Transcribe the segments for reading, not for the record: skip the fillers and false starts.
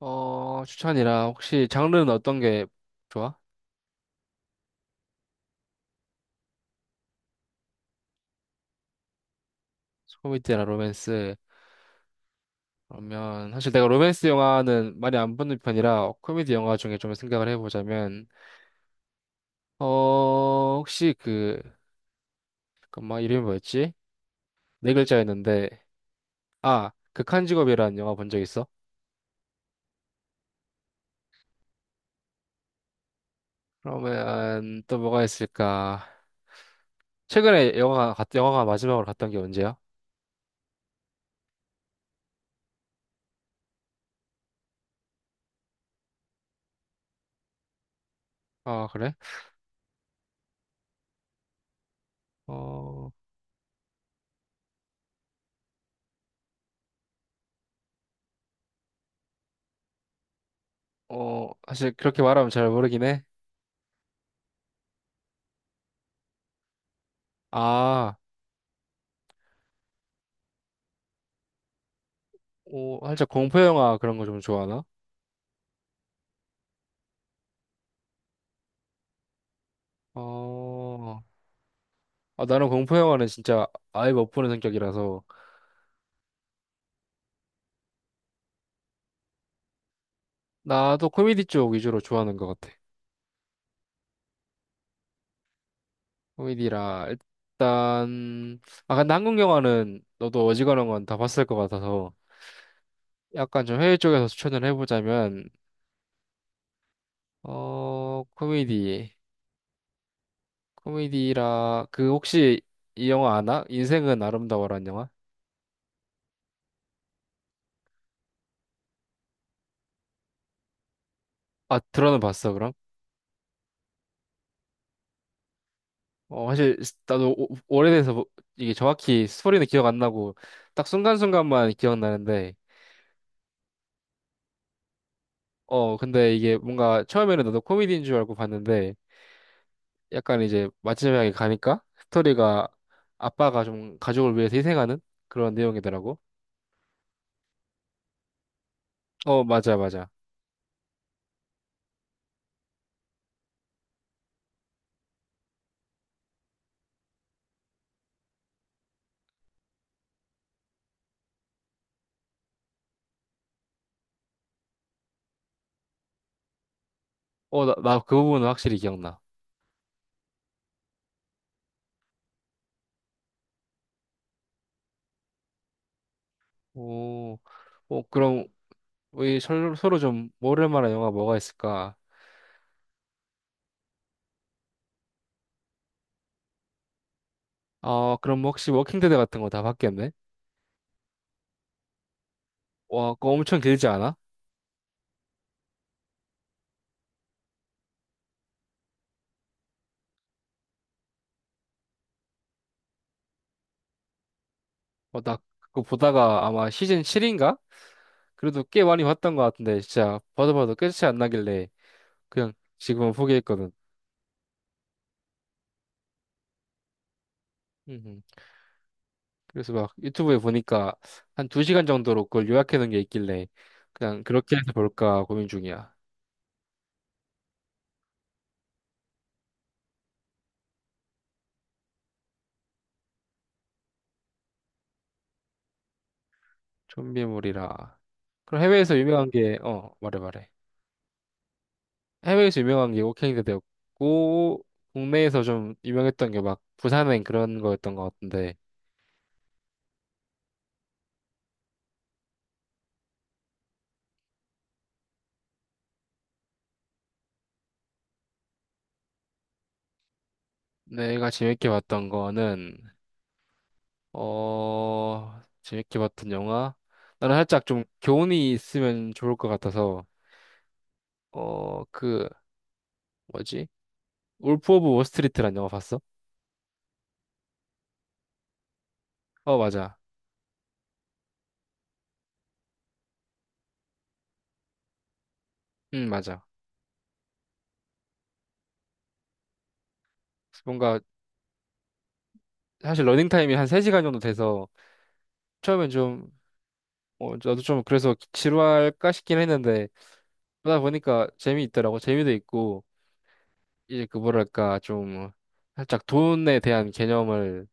추천이라 혹시 장르는 어떤 게 좋아? 코미디나 로맨스. 그러면 사실 내가 로맨스 영화는 많이 안 보는 편이라 코미디 영화 중에 좀 생각을 해보자면 혹시 그 잠깐만 이름이 뭐였지? 네 글자였는데 극한 직업이라는 영화 본 적 있어? 그러면 또 뭐가 있을까? 최근에 영화가 마지막으로 갔던 게 언제야? 아, 그래? 어, 사실 그렇게 말하면 잘 모르긴 해. 아. 오, 살짝 공포 영화 그런 거 좀 좋아하나? 어, 아, 나는 공포 영화는 진짜 아예 못 보는 성격이라서 나도 코미디 쪽 위주로 좋아하는 것 같아. 코미디라 일단 아, 근데 한국 영화는 너도 어지간한 건 다 봤을 것 같아서 약간 좀 해외 쪽에서 추천을 해보자면 코미디, 코미디라 그 혹시 이 영화 아나? 인생은 아름다워라는 영화? 아, 들어는 봤어 그럼? 사실 나도 오래돼서, 이게 정확히 스토리는 기억 안 나고 딱 순간순간만 기억나는데 어 근데 이게 뭔가 처음에는 나도 코미디인 줄 알고 봤는데 약간 이제 마지막에 가니까 스토리가 아빠가 좀 가족을 위해서 희생하는 그런 내용이더라고. 어, 맞아 맞아. 어, 나 그 부분은 확실히 기억나. 오, 어 그럼 우리 서로 좀 모를 만한 영화 뭐가 있을까? 아 그럼 혹시 워킹 데드 같은 거 다 봤겠네? 와 그거 엄청 길지 않아? 어, 나 그거 보다가 아마 시즌 7인가? 그래도 꽤 많이 봤던 것 같은데 진짜 봐도 봐도 끝이 안 나길래 그냥 지금은 포기했거든. 음, 그래서 막 유튜브에 보니까 한 2시간 정도로 그걸 요약해 놓은 게 있길래 그냥 그렇게 해서 볼까 고민 중이야. 좀비물이라. 그럼 해외에서 유명한 게, 말해 말해. 해외에서 유명한 게 워킹 데드었고 국내에서 좀 유명했던 게 막 부산행 그런 거였던 것 같은데 내가 재밌게 봤던 거는 어, 재밌게 봤던 영화? 나는 살짝 좀 교훈이 있으면 좋을 것 같아서, 어, 그, 뭐지? 울프 오브 월스트리트란 영화 봤어? 어, 맞아. 응, 맞아. 뭔가, 사실 러닝타임이 한 3시간 정도 돼서, 처음엔 좀, 어, 저도 좀 그래서 지루할까 싶긴 했는데, 보다 보니까 재미있더라고. 재미도 있고, 이제 그 뭐랄까, 좀, 살짝 돈에 대한 개념을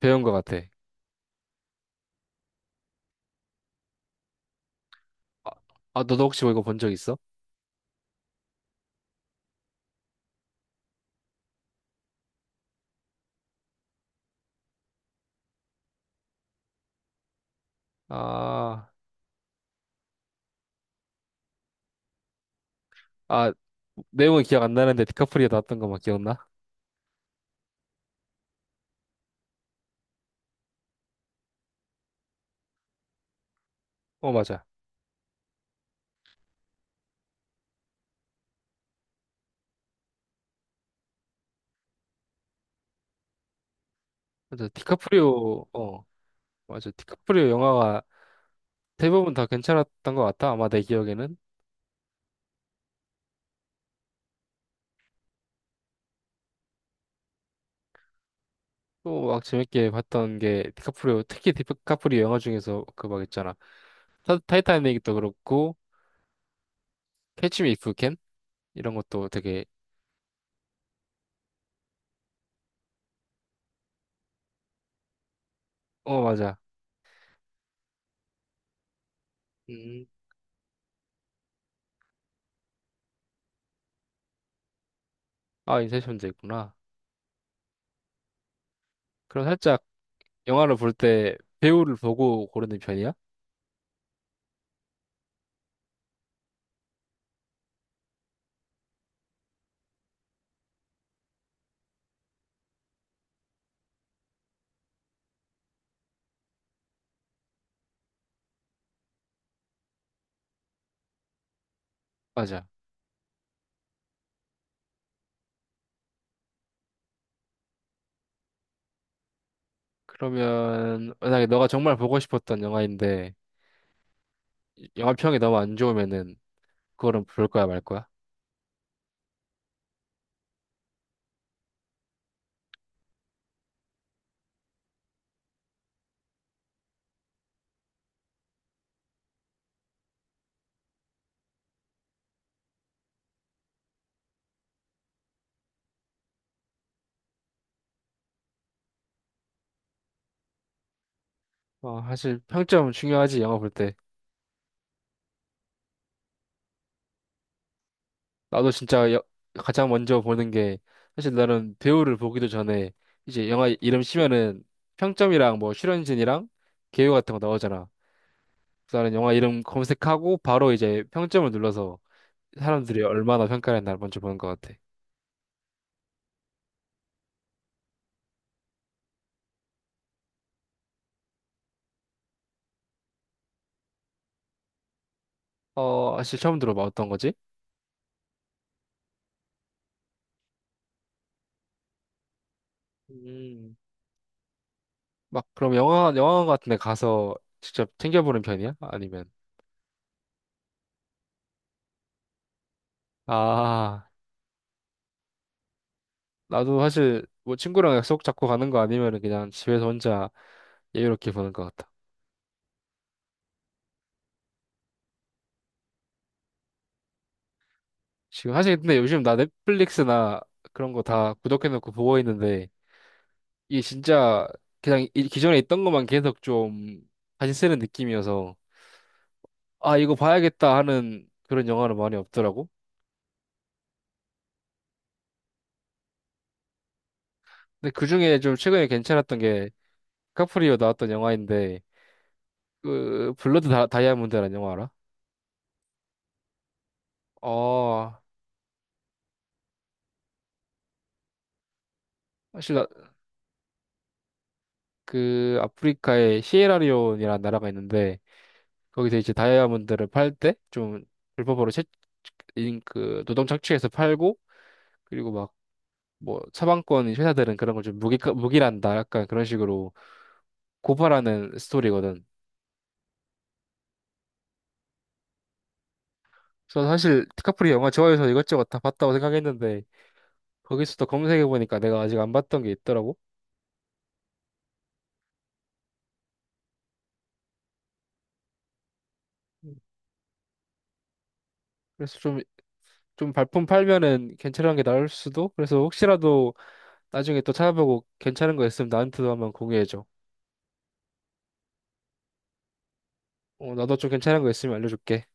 배운 것 같아. 아, 아, 너도 혹시 뭐 이거 본 적 있어? 아. 아, 내용은 기억 안 나는데 디카프리오 나왔던 것만 기억나? 어, 맞아. 맞아. 디카프리오, 어, 맞아. 디카프리오 영화가 대부분 다 괜찮았던 것 같아. 아마 내 기억에는. 또 막 재밌게 봤던 게 디카프리오, 특히 디카프리오 영화 중에서 그 막 있잖아. 타이타닉도 그렇고, 캐치 미 이프 캔? 이런 것도 되게, 어, 맞아. 음, 아, 인셉션도 있구나. 그럼 살짝 영화를 볼 때 배우를 보고 고르는 편이야? 맞아. 그러면 만약에 너가 정말 보고 싶었던 영화인데 영화 평이 너무 안 좋으면은 그거는 볼 거야 말 거야? 어, 사실 평점 중요하지 영화 볼 때. 나도 진짜 여- 가장 먼저 보는 게 사실 나는 배우를 보기도 전에 이제 영화 이름 치면은 평점이랑 뭐 출연진이랑 개요 같은 거 나오잖아. 그래서 나는 영화 이름 검색하고 바로 이제 평점을 눌러서 사람들이 얼마나 평가했나 먼저 보는 것 같아. 어, 사실 처음 들어봐 어떤 거지? 음, 막 그럼 영화관 같은 데 가서 직접 챙겨보는 편이야? 아니면 아 나도 사실 뭐 친구랑 약속 잡고 가는 거 아니면은 그냥 집에서 혼자 여유롭게 보는 것 같아. 지금 사실 근데 요즘 나 넷플릭스나 그런 거 다 구독해놓고 보고 있는데 이게 진짜 그냥 기존에 있던 것만 계속 좀 다시 쓰는 느낌이어서 아 이거 봐야겠다 하는 그런 영화는 많이 없더라고. 근데 그중에 좀 최근에 괜찮았던 게 카프리오 나왔던 영화인데 그 블러드 다이아몬드라는 영화 알아? 어 사실 나, 그 아프리카의 시에라리온이라는 나라가 있는데 거기서 이제 다이아몬드를 팔 때 좀 불법으로 채, 그 노동 착취해서 팔고 그리고 막 뭐 서방권 회사들은 그런 걸 좀 무기란다 약간 그런 식으로 고발하는 스토리거든. 그래서 사실 디카프리 영화 좋아해서 이것저것 다 봤다고 생각했는데 거기서도 검색해 보니까 내가 아직 안 봤던 게 있더라고. 그래서 좀 발품 팔면은 괜찮은 게 나올 수도. 그래서 혹시라도 나중에 또 찾아보고 괜찮은 거 있으면 나한테도 한번 공유해줘. 어, 나도 좀 괜찮은 거 있으면 알려줄게.